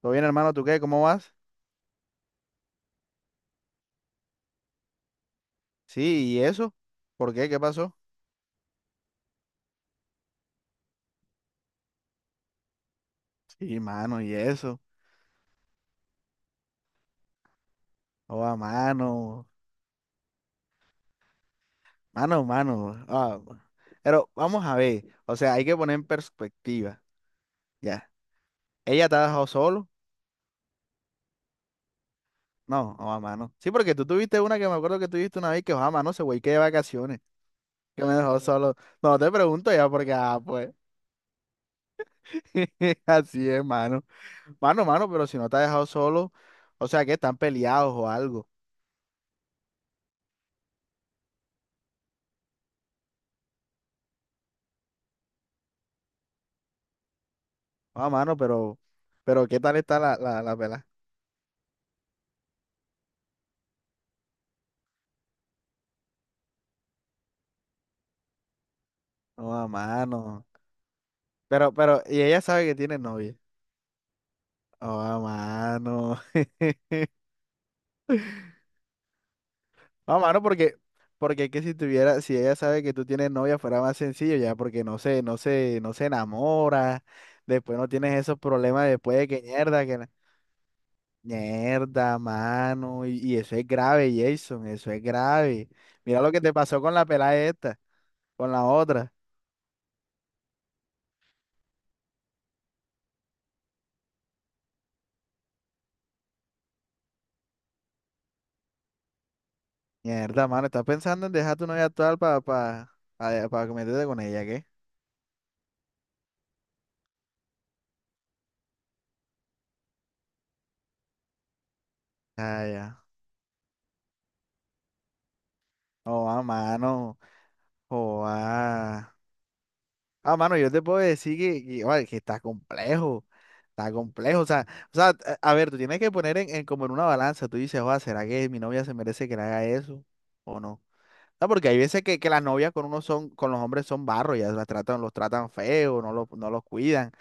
¿Todo bien, hermano? ¿Tú qué? ¿Cómo vas? Sí, ¿y eso? ¿Por qué? ¿Qué pasó? Sí, mano, ¿y eso? Oh, mano, mano, mano. Ah, bueno. Pero vamos a ver, o sea, hay que poner en perspectiva, ya. ¿Ella te ha dejado solo? No, oh, mano. Sí, porque tú tuviste una que me acuerdo que tuviste una vez que, oh, mano, se güey que de vacaciones, que me dejó solo. No, no te pregunto ya porque, ah, pues, así es, mano. Mano, mano, pero si no te ha dejado solo, o sea, que están peleados o algo. Oh, mano, pero, ¿qué tal está la pelada? Oh, a mano. Pero, y ella sabe que tiene novia. Oh, a mano. No a mano, porque, es que si ella sabe que tú tienes novia, fuera más sencillo ya, porque no se enamora. Después no tienes esos problemas después de que mierda, mierda, mano. Y eso es grave, Jason, eso es grave. Mira lo que te pasó con la pelada esta, con la otra. Mierda, mano, estás pensando en dejar tu novia actual para pa, pa, pa pa meterte con ella, ¿qué? Ah, ya. Oh, a mano. Oh, ah. Ah, mano, yo te puedo decir que, oye, que está complejo. Está complejo. O sea, a ver, tú tienes que poner en, como en una balanza. Tú dices, oye, ¿será que mi novia se merece que le haga eso? ¿O no? No, porque hay veces que las novias con uno son, con los hombres son barro, ya las tratan, los tratan feo, no los cuidan.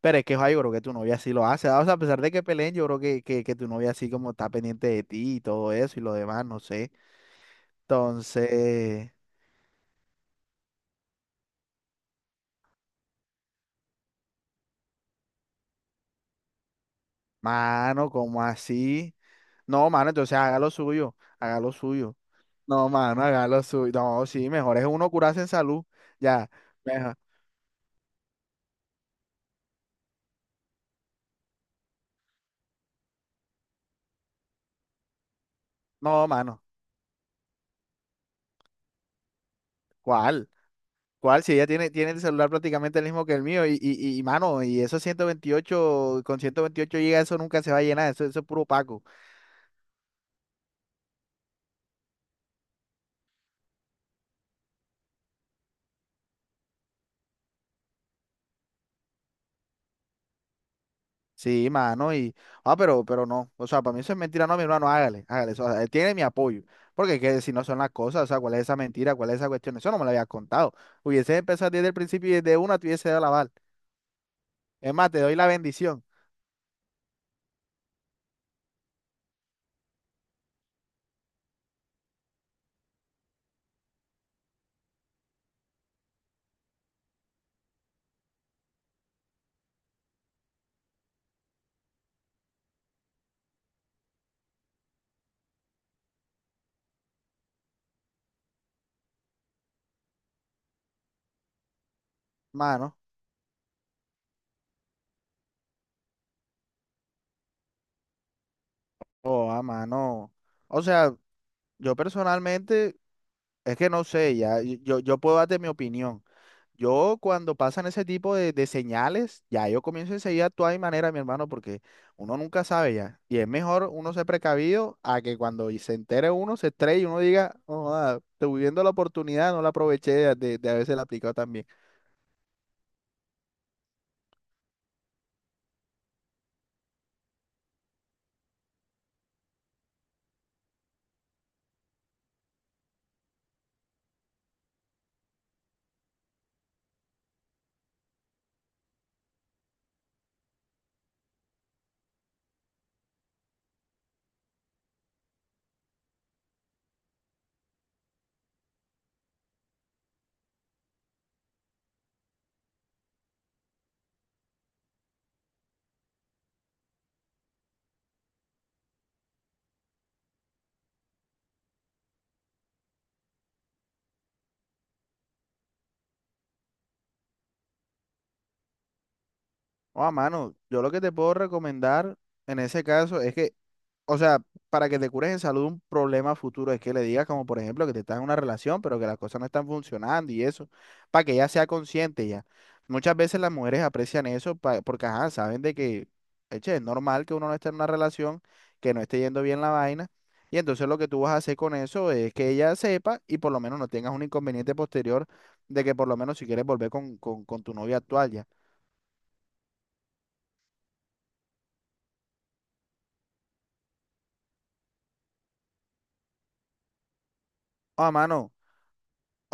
Pero es que, oye, yo creo que tu novia sí lo hace. Ah, o sea, a pesar de que peleen, yo creo que tu novia sí como está pendiente de ti y todo eso y lo demás, no sé. Entonces, mano, ¿como así? No, mano, entonces haga lo suyo, haga lo suyo. No, mano, haga lo suyo. No, sí, mejor es uno curarse en salud. Ya, mejor. No, mano, ¿cuál? ¿Cuál? Si ella tiene el celular prácticamente el mismo que el mío y, mano, y esos 128 con 128 gigas eso nunca se va a llenar, eso es puro paco. Sí, mano, y, pero no, o sea, para mí eso es mentira, no, mi hermano, hágale, hágale, eso, o sea, él tiene mi apoyo, porque que si no son las cosas, o sea, ¿cuál es esa mentira, cuál es esa cuestión? Eso no me lo habías contado. Hubiese empezado desde el principio y desde una te hubiese dado la bala. Es más, te doy la bendición, mano. Oh, a mano. O sea, yo personalmente, es que no sé, ya, yo puedo darte mi opinión. Yo cuando pasan ese tipo de señales, ya yo comienzo enseguida a actuar de mi manera, mi hermano, porque uno nunca sabe ya. Y es mejor uno ser precavido a que cuando y se entere uno, se estrelle y uno diga, oh, estoy viendo la oportunidad, no la aproveché de haberse la aplicado también. Oh, a mano, yo lo que te puedo recomendar en ese caso es que o sea, para que te cures en salud un problema futuro es que le digas como por ejemplo que te estás en una relación, pero que las cosas no están funcionando y eso, para que ella sea consciente ya. Muchas veces las mujeres aprecian eso porque ajá, saben de que, eche, es normal que uno no esté en una relación, que no esté yendo bien la vaina. Y entonces lo que tú vas a hacer con eso es que ella sepa y por lo menos no tengas un inconveniente posterior de que por lo menos si quieres volver con tu novia actual ya. Ah, mano.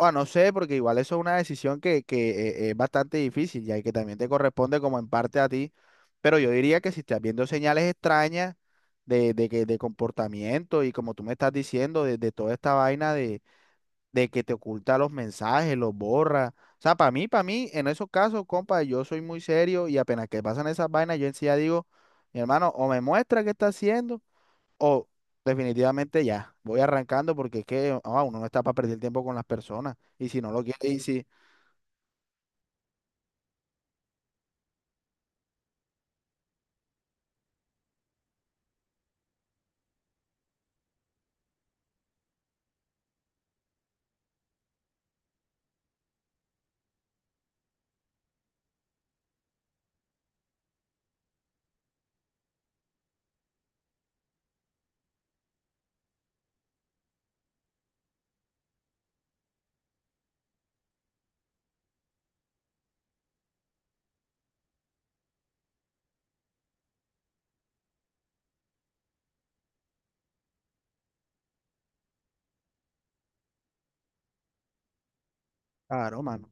Ah, no sé, porque igual eso es una decisión que es bastante difícil ya, y que también te corresponde como en parte a ti. Pero yo diría que si estás viendo señales extrañas de comportamiento y como tú me estás diciendo, de toda esta vaina de que te oculta los mensajes, los borra. O sea, para mí, en esos casos, compa, yo soy muy serio y apenas que pasan esas vainas, yo en sí ya digo, mi hermano, o me muestra qué está haciendo. O definitivamente ya, voy arrancando porque es que uno no está para perder tiempo con las personas. Y si no lo quiere, y si, claro, mano.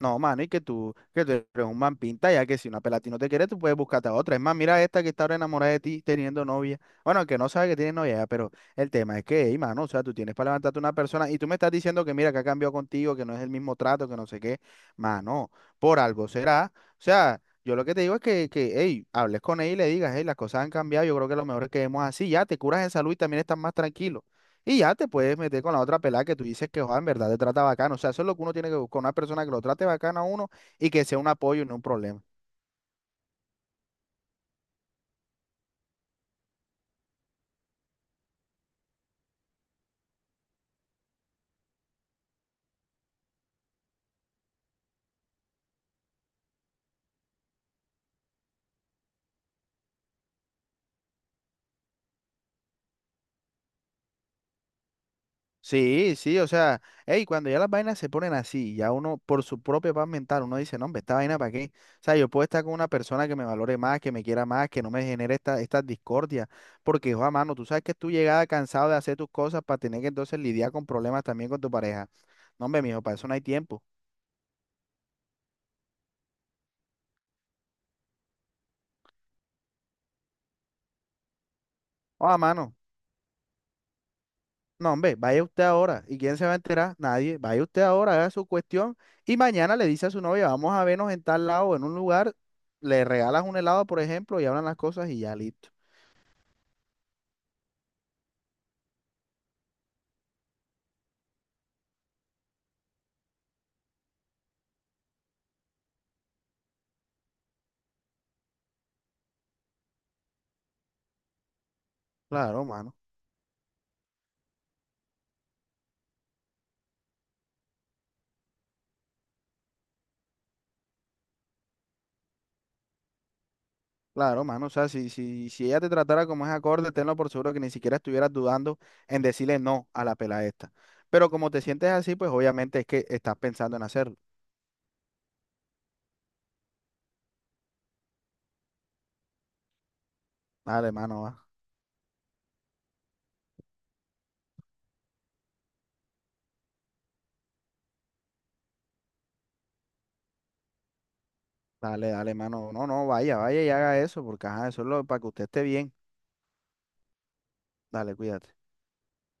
No, mano, y que tú eres un man pinta, ya que si una pela a ti no te quiere, tú puedes buscarte a otra. Es más, mira esta que está ahora enamorada de ti teniendo novia. Bueno, que no sabe que tiene novia, ya, pero el tema es que, hey, mano, o sea, tú tienes para levantarte una persona y tú me estás diciendo que mira, que ha cambiado contigo, que no es el mismo trato, que no sé qué. Mano, por algo será. O sea, yo lo que te digo es que hey, hables con ella y le digas, hey, las cosas han cambiado, yo creo que lo mejor es que vemos así, ya te curas en salud y también estás más tranquilo. Y ya te puedes meter con la otra pelada que tú dices que, joder, en verdad te trata bacano. O sea, eso es lo que uno tiene que buscar, una persona que lo trate bacano a uno y que sea un apoyo y no un problema. Sí, sí, o sea, hey, cuando ya las vainas se ponen así, ya uno por su propia paz mental, uno dice, no, hombre, esta vaina para qué. O sea, yo puedo estar con una persona que me valore más, que me quiera más, que no me genere estas discordias, porque, joder, mano, tú sabes que tú llegada cansado de hacer tus cosas para tener que entonces lidiar con problemas también con tu pareja. No, hombre, mijo, para eso no hay tiempo. Joder, mano. No, hombre, vaya usted ahora. ¿Y quién se va a enterar? Nadie. Vaya usted ahora, haga su cuestión. Y mañana le dice a su novia, vamos a vernos en tal lado, en un lugar. Le regalas un helado, por ejemplo, y hablan las cosas y ya listo. Claro, mano. Claro, mano. O sea, si ella te tratara como es acorde, tenlo por seguro que ni siquiera estuvieras dudando en decirle no a la pela esta. Pero como te sientes así, pues obviamente es que estás pensando en hacerlo. Dale, mano, va. Dale, dale, mano. No, no, vaya, vaya y haga eso, porque ajá, eso es lo, para que usted esté bien. Dale, cuídate.